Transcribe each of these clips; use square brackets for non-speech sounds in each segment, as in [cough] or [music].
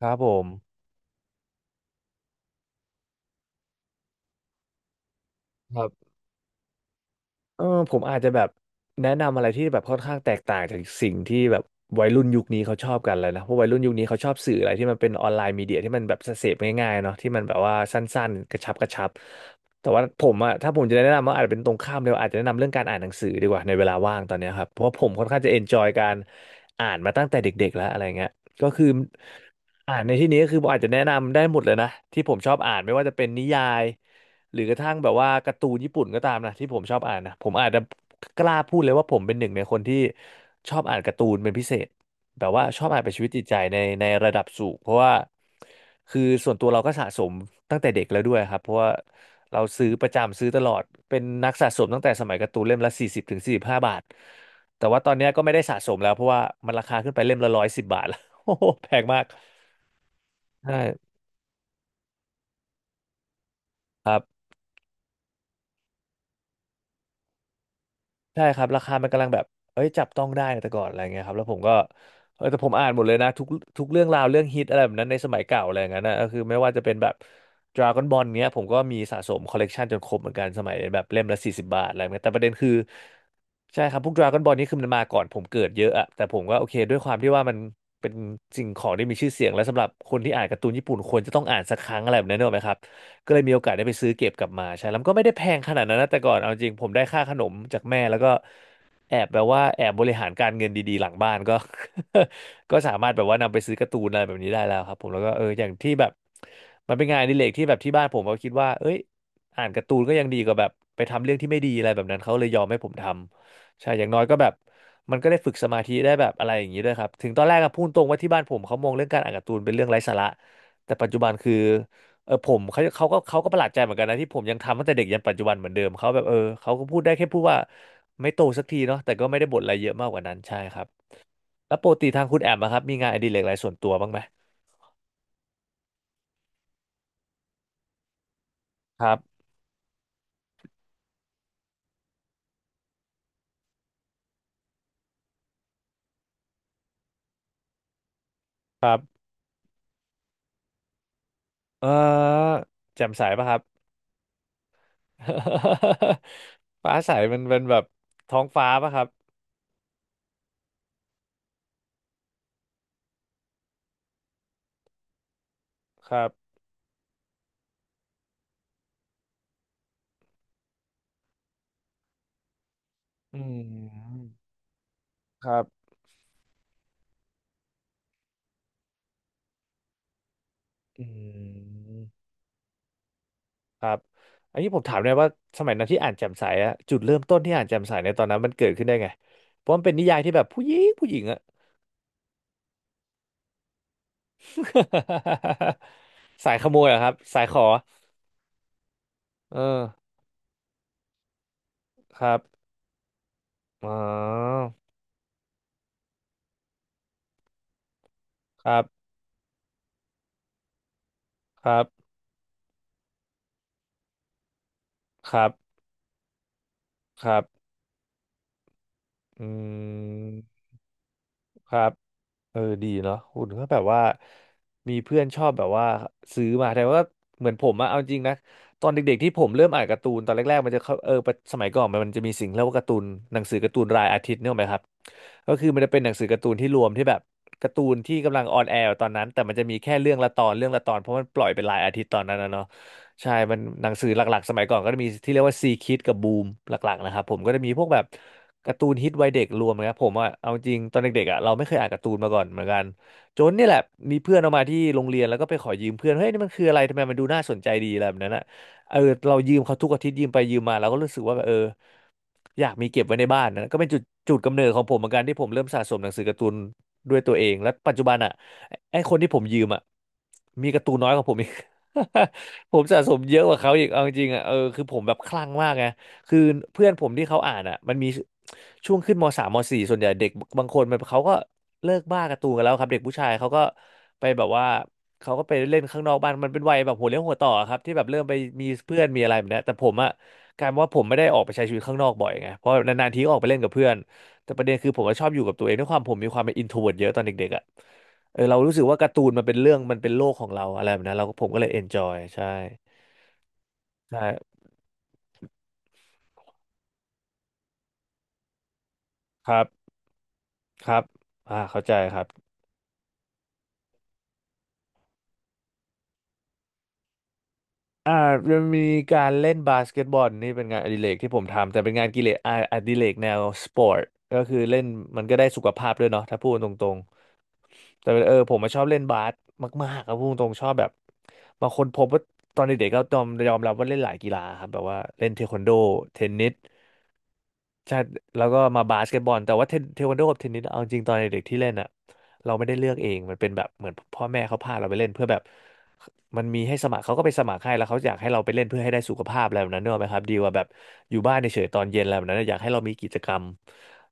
ครับผมครับเออผมอาจจะแบบแนะนำอะไรที่แบบค่อนข้างแตกต่างจากสิ่งที่แบบวัยรุ่นยุคนี้เขาชอบกันเลยนะเพราะวัยรุ่นยุคนี้เขาชอบสื่ออะไรที่มันเป็นออนไลน์มีเดียที่มันแบบเสพง่ายๆเนาะที่มันแบบว่าสั้นๆกระชับกระชับแต่ว่าผมอะถ้าผมจะแนะนำว่าอาจจะเป็นตรงข้ามเลยอาจจะแนะนำเรื่องการอ่านหนังสือดีกว่าในเวลาว่างตอนเนี้ยครับเพราะว่าผมค่อนข้างจะเอนจอยการอ่านมาตั้งแต่เด็กๆแล้วอะไรเงี้ยก็คืออ่านในที่นี้ก็คือผมอาจจะแนะนำได้หมดเลยนะที่ผมชอบอ่านไม่ว่าจะเป็นนิยาย หรือกระทั่งแบบว่าการ์ตูนญี่ปุ่นก็ตามนะที่ผมชอบอ่านนะผมอาจจะกล้าพูดเลยว่าผมเป็นหนึ่งในคนที่ชอบอ่านการ์ตูนเป็นพิเศษแบบว่าชอบอ่านเป็นชีวิตจิตใจในระดับสูงเพราะว่าคือส่วนตัวเราก็สะสมตั้งแต่เด็กแล้วด้วยครับเพราะว่าเราซื้อประจำซื้อตลอดเป็นนักสะสมตั้งแต่สมัยการ์ตูนเล่มละ40-45 บาทแต่ว่าตอนเนี้ยก็ไม่ได้สะสมแล้วเพราะว่ามันราคาขึ้นไปเล่มละ110 บาทแล้ว [laughs] โอ้โหแพงมากใช่ครับ ใช่ครับราคามันกำลังแบบเอ้ยจับต้องได้ในแต่ก่อนอะไรเงี้ยครับแล้วผมก็แต่ผมอ่านหมดเลยนะทุกเรื่องราวเรื่องฮิตอะไรแบบนั้นในสมัยเก่าอะไรอย่างนั้นนะก็คือไม่ว่าจะเป็นแบบ Dragon Ball เนี้ยผมก็มีสะสมคอลเลกชันจนครบเหมือนกันสมัยแบบเล่มละ40 บาทอะไรเงี้ยแต่ประเด็นคือใช่ครับพวก Dragon Ball นี่คือมันมาก่อนผมเกิดเยอะอะแต่ผมก็โอเคด้วยความที่ว่ามันเป็นสิ่งของที่มีชื่อเสียงและสำหรับคนที่อ่านการ์ตูนญี่ปุ่นควรจะต้องอ่านสักครั้งอะไรแบบนั้นเนกอะไหมครับ ก็เลยมีโอกาสได้ไปซื้อเก็บกลับมาใช่แล้วมันก็ไม่ได้แพงขนาดนั้นนะแต่ก่อนเอาจริงผมได้ค่าขนมจากแม่ แล้วก็แอบแบบว่าแอบบริหารการเงินดีๆ หลังบ้านก็ [laughs] ก็สามารถแบบว่านำไปซื้อการ์ตูนอะไรแบบนี้ได้แล้วครับผมแล้วก็เอออย่างที่แบบมันเป็นงานอดิเรกที่แบบที่บ้านผมก็คิดว่าเอ้ยอ่านการ์ตูนก็ยังดีกว่าแบบไปทำเรื่องที่ไม่ดีอะไรแบบนั้น เขาเลยยอมให้ผมทำ ใช่ อย่างน้อยก็แบบมันก็ได้ฝึกสมาธิได้แบบอะไรอย่างนี้ด้วยครับถึงตอนแรกก็พูดตรงว่าที่บ้านผมเขามองเรื่องการอ่านการ์ตูนเป็นเรื่องไร้สาระแต่ปัจจุบันคือ เออผมเขาก็ประหลาดใจเหมือนกันนะที่ผมยังทำตั้งแต่เด็กยันปัจจุบันเหมือนเดิมเขาแบบเออเขาก็พูดได้แค่พูดว่าไม่โตสักทีเนาะแต่ก็ไม่ได้บ่นอะไรเยอะมากกว่านั้นใช่ครับแล้วปกติทางคุณแอมอะครับมีงานอดิเรกอะไรส่วนตัวบ้างไหมครับครับเออแจ่มใสป่ะครับ [laughs] ฟ้าใสมันเป็นแบบท้องฟ้าป่ะครับครับอืมครับอืม ครับอันนี้ผมถามเลยว่าสมัยนั้นที่อ่านแจ่มใสอะจุดเริ่มต้นที่อ่านแจ่มใสในตอนนั้นมันเกิดขึ้นได้ไงเพราะมันเป็นนิยายที่แบบผู้หญิงผู้หญิงอะ [laughs] สายขโมยเหรอครับสายขอเออครับอ๋อครับครับครับครับอืมครับ เออดีเนาะหุ่นก็แบบว่ามีเพื่อนชอบแบบว่าซื้อมาแต่ว่าเหมือนผมอะเอาจริงนะตอนเด็กๆที่ผมเริ่มอ่านการ์ตูนตอนแรกๆมันจะเข้าเออปะสมัยก่อนมันจะมีสิ่งเรียกว่าการ์ตูนหนังสือการ์ตูนรายอาทิตย์เนี่ยหรอกไหมครับก็คือมันจะเป็นหนังสือการ์ตูนที่รวมที่แบบการ์ตูนที่กำลังออนแอร์อยู่ตอนนั้นแต่มันจะมีแค่เรื่องละตอนเรื่องละตอนเพราะมันปล่อยเป็นรายอาทิตย์ตอนนั้นนะเนาะใช่มันหนังสือหลักๆสมัยก่อนก็จะมีที่เรียกว่าซีคิดกับบูมหลักๆนะครับผมก็จะมีพวกแบบ การ์ตูนฮิตวัยเด็กรวมนะครับผมอะเอาจริงตอนเด็กๆอะเราไม่เคยอ่านการ์ตูนมาก่อนเหมือนกันจนเนี่ยแหละมีเพื่อนเอามาที่โรงเรียนแล้วก็ไปขอยืมเพื่อนเฮ้ยนี่มันคืออะไรทำไมมันดูน่าสนใจดีอะไรแบบนั้นอะเออเรายืมเขาทุกอาทิตย์ยืมไปยืมมาเราก็รู้สึกว่าแบบเออ อยากมีเก็บไว้ในบ้านนะก็เป็นจุดจุดกำเนิดของผมเหมือนกันที่ผมเริ่มสะสมหนังสือการ์ตูนด้วยตัวเองและปัจจุบันอ่ะไอ้คนที่ผมยืมอ่ะมีการ์ตูนน้อยกว่าผมอีก [laughs] ผมสะสมเยอะกว่าเขาอีกเอาจริงๆอ่ะเออคือผมแบบคลั่งมากไงคือเพื่อนผมที่เขาอ่านอ่ะมันมีช่วงขึ้นมสามมสี่ส่วนใหญ่เด็กบางคนมันเขาก็เลิกบ้าการ์ตูนกันแล้วครับเด็กผู้ชายเขาก็ไปแบบว่าเขาก็ไปเล่นข้างนอกบ้านมันเป็นวัยแบบหัวเลี้ยวหัวต่อครับที่แบบเริ่มไปมีเพื่อนมีอะไรแบบเนี้ยแต่ผมอ่ะ กลายเป็นว่าผมไม่ได้ออกไปใช้ชีวิตข้างนอกบ่อยไงเพราะนานๆทีก็ออกไปเล่นกับเพื่อนแต่ประเด็นคือผมก็ชอบอยู่กับตัวเองด้วยความผมมีความเป็นอินโทรเวิร์เยอะตอนเด็กๆอ่ะเออเรารู้สึกว่าการ์ตูนมันเป็นเรื่องมันเป็นโลกของเราอะไรแบบนั้นเราก็ผมก็เลยเอนจอยใช่ใช่ครับครับอ่าเข้าใจครับอ่าจะมีการเล่นบาสเกตบอลนี่เป็นงานอดิเรกที่ผมทำแต่เป็นงานกิเลสอาอดิเรกแนวสปอร์ตก็คือเล่นมันก็ได้สุขภาพด้วยเนาะถ้าพูดตรง แต่เออผมมาชอบเล่นบาสมากๆครับพูดตรงๆชอบแบบบางคนพบว่าตอนเด็กๆก็ยอมรับว่าเล่นหลายกีฬาครับแบบว่าเล่นเทควันโดเทนนิส ใช่แล้วก็มาบาสเกตบอลแต่ว่าเทควันโดกับเทนนิสเอาจริงตอนเด็กๆที่เล่นอ่ะเราไม่ได้เลือกเองมันเป็นแบบเหมือนพ่อแม่เขาพาเราไปเล่นเพื่อแบบมันมีให้สมัครเขาก็ไปสมัครให้แล้วเขาอยากให้เราไปเล่นเพื่อให้ได้สุขภาพอะไรแบบนั้นเนกอะไหมครับดีกว่าแบบอยู่บ้านเฉยๆตอนเย็นอะไรแบบนั้นอะอยากให้เรามีกิจกรรม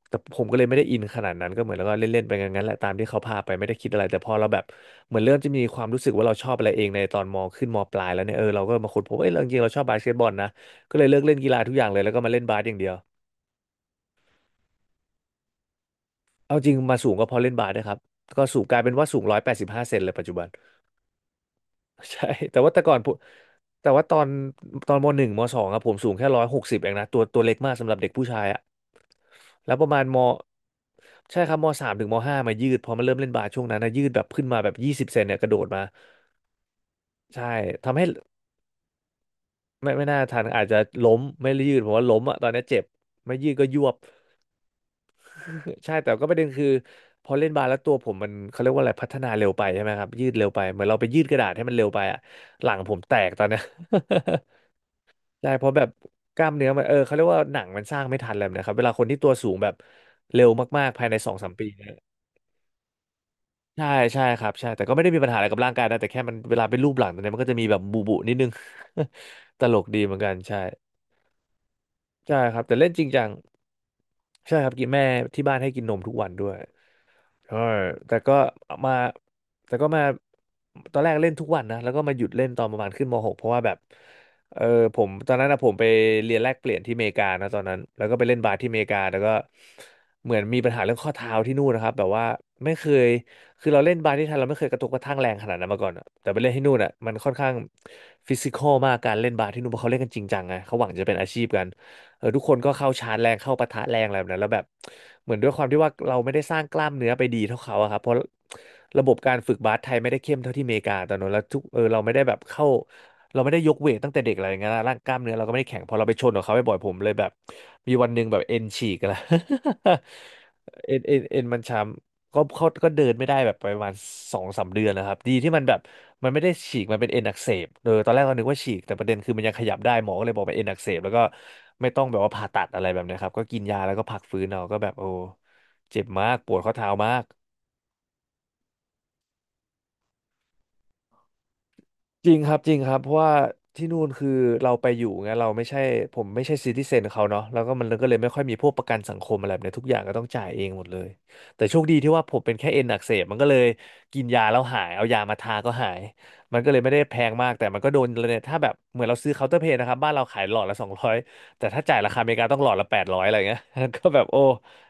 แต่ผมก็เลยไม่ได้อินขนาดนั้นก็เหมือนแล้วก็เล่นๆไปงั้นๆแหละตามที่เขาพาไปไม่ได้คิดอะไรแต่พอเราแบบเหมือนเริ่มจะมีความรู้สึกว่าเราชอบอะไรเองในตอนมขึ้นมปลายแล้วเนี่ยเออเราก็มาค้นพบเออจริงๆเราชอบบาสเกตบอลนะก็เลยเลิกเล่นกีฬาทุกอย่างเลยแล้วก็มาเล่นบาสอย่างเดียว เอาจริงมาสูงก็เพอเล่นบาสนะครับก็สูงกลายเป็นว่าสูง185 เซนเลยปัจจุบัน [laughs] ใช่แต่ว่าแต่ก่อนผมแต่ว่าตอนมหนึ่งมสองอะผมสูงแค่160เองนะตัวเล็กมากสำหรับเด็กผู้ชายอะแล้วประมาณมใช่ครับมสามถึงมห้ามายืดพอมาเริ่มเล่นบาสช่วงนั้นนะยืดแบบขึ้นมาแบบ20 เซนเนี่ยกระโดดมาใช่ทำให้ไม่น่าทันอาจจะล้มไม่ยืดผมว่าล้มอะตอนนี้เจ็บไม่ยืดก็ยวบ ใช่แต่ก็ประเด็นคือพอเล่นบาสแล้วตัวผมมันเขาเรียกว่าอะไรพัฒนาเร็วไปใช่ไหมครับยืดเร็วไปเหมือนเราไปยืดกระดาษให้มันเร็วไปอะหลังผมแตกตอนเนี้ย [laughs] ใช่เพราะแบบกล้ามเนื้อมันเออเขาเรียกว่าหนังมันสร้างไม่ทันอะไรแบบเลยนะครับเวลาคนที่ตัวสูงแบบเร็วมากๆภายใน2-3 ปีเนี่ยใช่ใช่ครับใช่แต่ก็ไม่ได้มีปัญหาอะไรกับร่างกายนะแต่แค่มันเวลาเป็นรูปหลังตอนเนี้ยมันก็จะมีแบบบุบุนิดนึง [laughs] ตลกดีเหมือนกันใช่ใช่ครับแต่เล่นจริงจังใช่ครับกินแม่ที่บ้านให้กินนมทุกวันด้วย ใช่แต่ก็มาแต่ก็มาตอนแรกเล่นทุกวันนะแล้วก็มาหยุดเล่นตอนประมาณขึ้นม .6 เพราะว่าแบบเออผมตอนนั้นนะผมไปเรียนแลกเปลี่ยนที่อเมริกานะตอนนั้นแล้วก็ไปเล่นบาสที่อเมริกาแล้วก็เหมือนมีปัญหาเรื่องข้อเท้าที่นู่นนะครับแบบว่าไม่เคยคือเราเล่นบาสที่ไทยเราไม่เคยกระทบกระทั่งแรงขนาดนั้นมาก่อนอะแต่ไปเล่นที่นู่นอ่ะมันค่อนข้างฟิสิคอลมากการเล่นบาสที่นู่นเพราะเขาเล่นกันจริงจังไงเขาหวังจะเป็นอาชีพกัน เออทุกคนก็เข้าชาร์จแรงเข้าปะทะแรงอะไรแบบนั้นแล้วแบบเหมือนด้วยความที่ว่าเราไม่ได้สร้างกล้ามเนื้อไปดีเท่าเขาอะครับเพราะระบบการฝึกบาสไทยไม่ได้เข้มเท่าที่อเมริกาตอนนั้นแล้วทุกเราไม่ได้แบบเข้าเราไม่ได้ยกเวทตั้งแต่เด็กอะไรอย่างเงี้ยนะร่างกล้ามเนื้อเราก็ไม่ได้แข็งพอเราไปชนกับเขาบ่อยๆผมเลยแบบมีวันหนึ่งแบบเอ็นฉีกแล้ว [laughs] เอ็นมันช้ำ ก็เขาก็เดินไม่ได้แบบประมาณสองสามเดือนนะครับดีที่มันแบบมันไม่ได้ฉีกมันเป็นเอ็นอักเสบเออตอนแรกเรานึกว่าฉีกแต่ประเด็นคือมันยังขยับได้หมอก็เลยบอกเป็นเอ็นอักเสบแล้วก็ไม่ต้องแบบว่าผ่าตัดอะไรแบบเนี้ยครับก็กินยาแล้วก็พักฟื้นเอาก็แบบโอ้เจ็บมากปวดข้อเท้ามาก จริงครับจริงครับเพราะว่าที่นู่นคือเราไปอยู่ไงเราไม่ใช่ผมไม่ใช่ซิติเซนเขาเนาะแล้วก็มันก็เลยไม่ค่อยมีพวกประกันสังคมอะไรแบบเนี้ยทุกอย่างก็ต้องจ่ายเองหมดเลยแต่โชคดีที่ว่าผมเป็นแค่เอ็นอักเสบมันก็เลยกินยาแล้วหายเอายามาทาก็หายมันก็เลยไม่ได้แพงมากแต่มันก็โดนเลยถ้าแบบเหมือนเราซื้อเคาน์เตอร์เพลนะครับบ้านเราขายหลอดละสองร้อยแต่ถ้าจ่ายราคาอเมริกาต้องหลอดละแปดร้อยอะไรเงี้ย [laughs] ก็แบบโอ้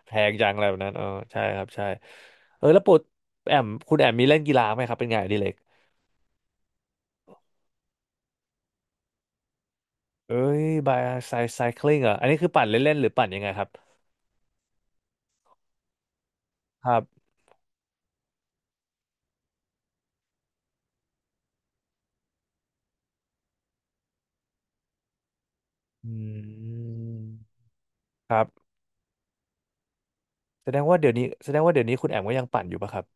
แพงจังอะไรแบบนั้นอ๋อใช่ครับใช่เออแล้วปวดแอมคุณแอมมีเล่นกีฬาไหมครับเป็นไงานอดิเรก เอ้ยบายไซคลิงอ่ะออันนี้คือปั่นเล่นๆหรือปั่นยังไงครับครับอืมครับแสดงว่าเดี๋ยวนี้แสดงว่าเดี๋ยวนี้คุณแอมก็ยังปั่นอยู่ปะครับ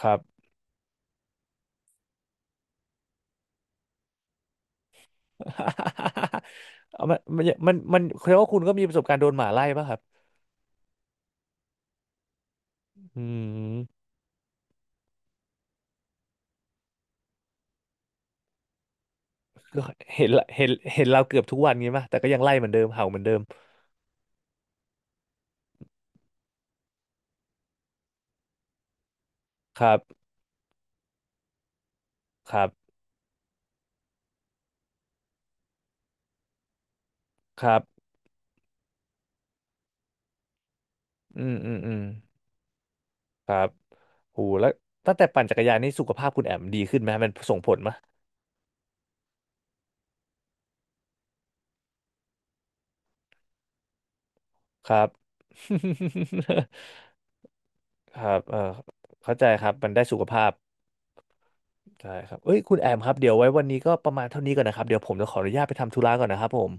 ครับ [laughs] เอามันแสดงว่าคุณก็มีประสบการณ์โดนหมาไล่ปะครับอืมก็เห็นเราเกือบทุกวันงี้ป่ะแต่ก็ยังไล่เหมือนเดิมเห่าเหมือนเดิมครับครับครับอืมอืมอืมครับโหแล้วตั้งแต่ปั่นจักรยานนี่สุขภาพคุณแอมดีขึ้นไหมมันส่งผลไหมครับ [laughs] ครับเออเข้าใจครับ มันได้สุขภาพใช่ครับเอ้ย คุณแอมครับ เดี๋ยวไว้วันนี้ก็ประมาณเท่านี้ก่อนนะครับ เดี๋ยวผมจะขออนุญาตไปทำธุระก่อนนะครับผม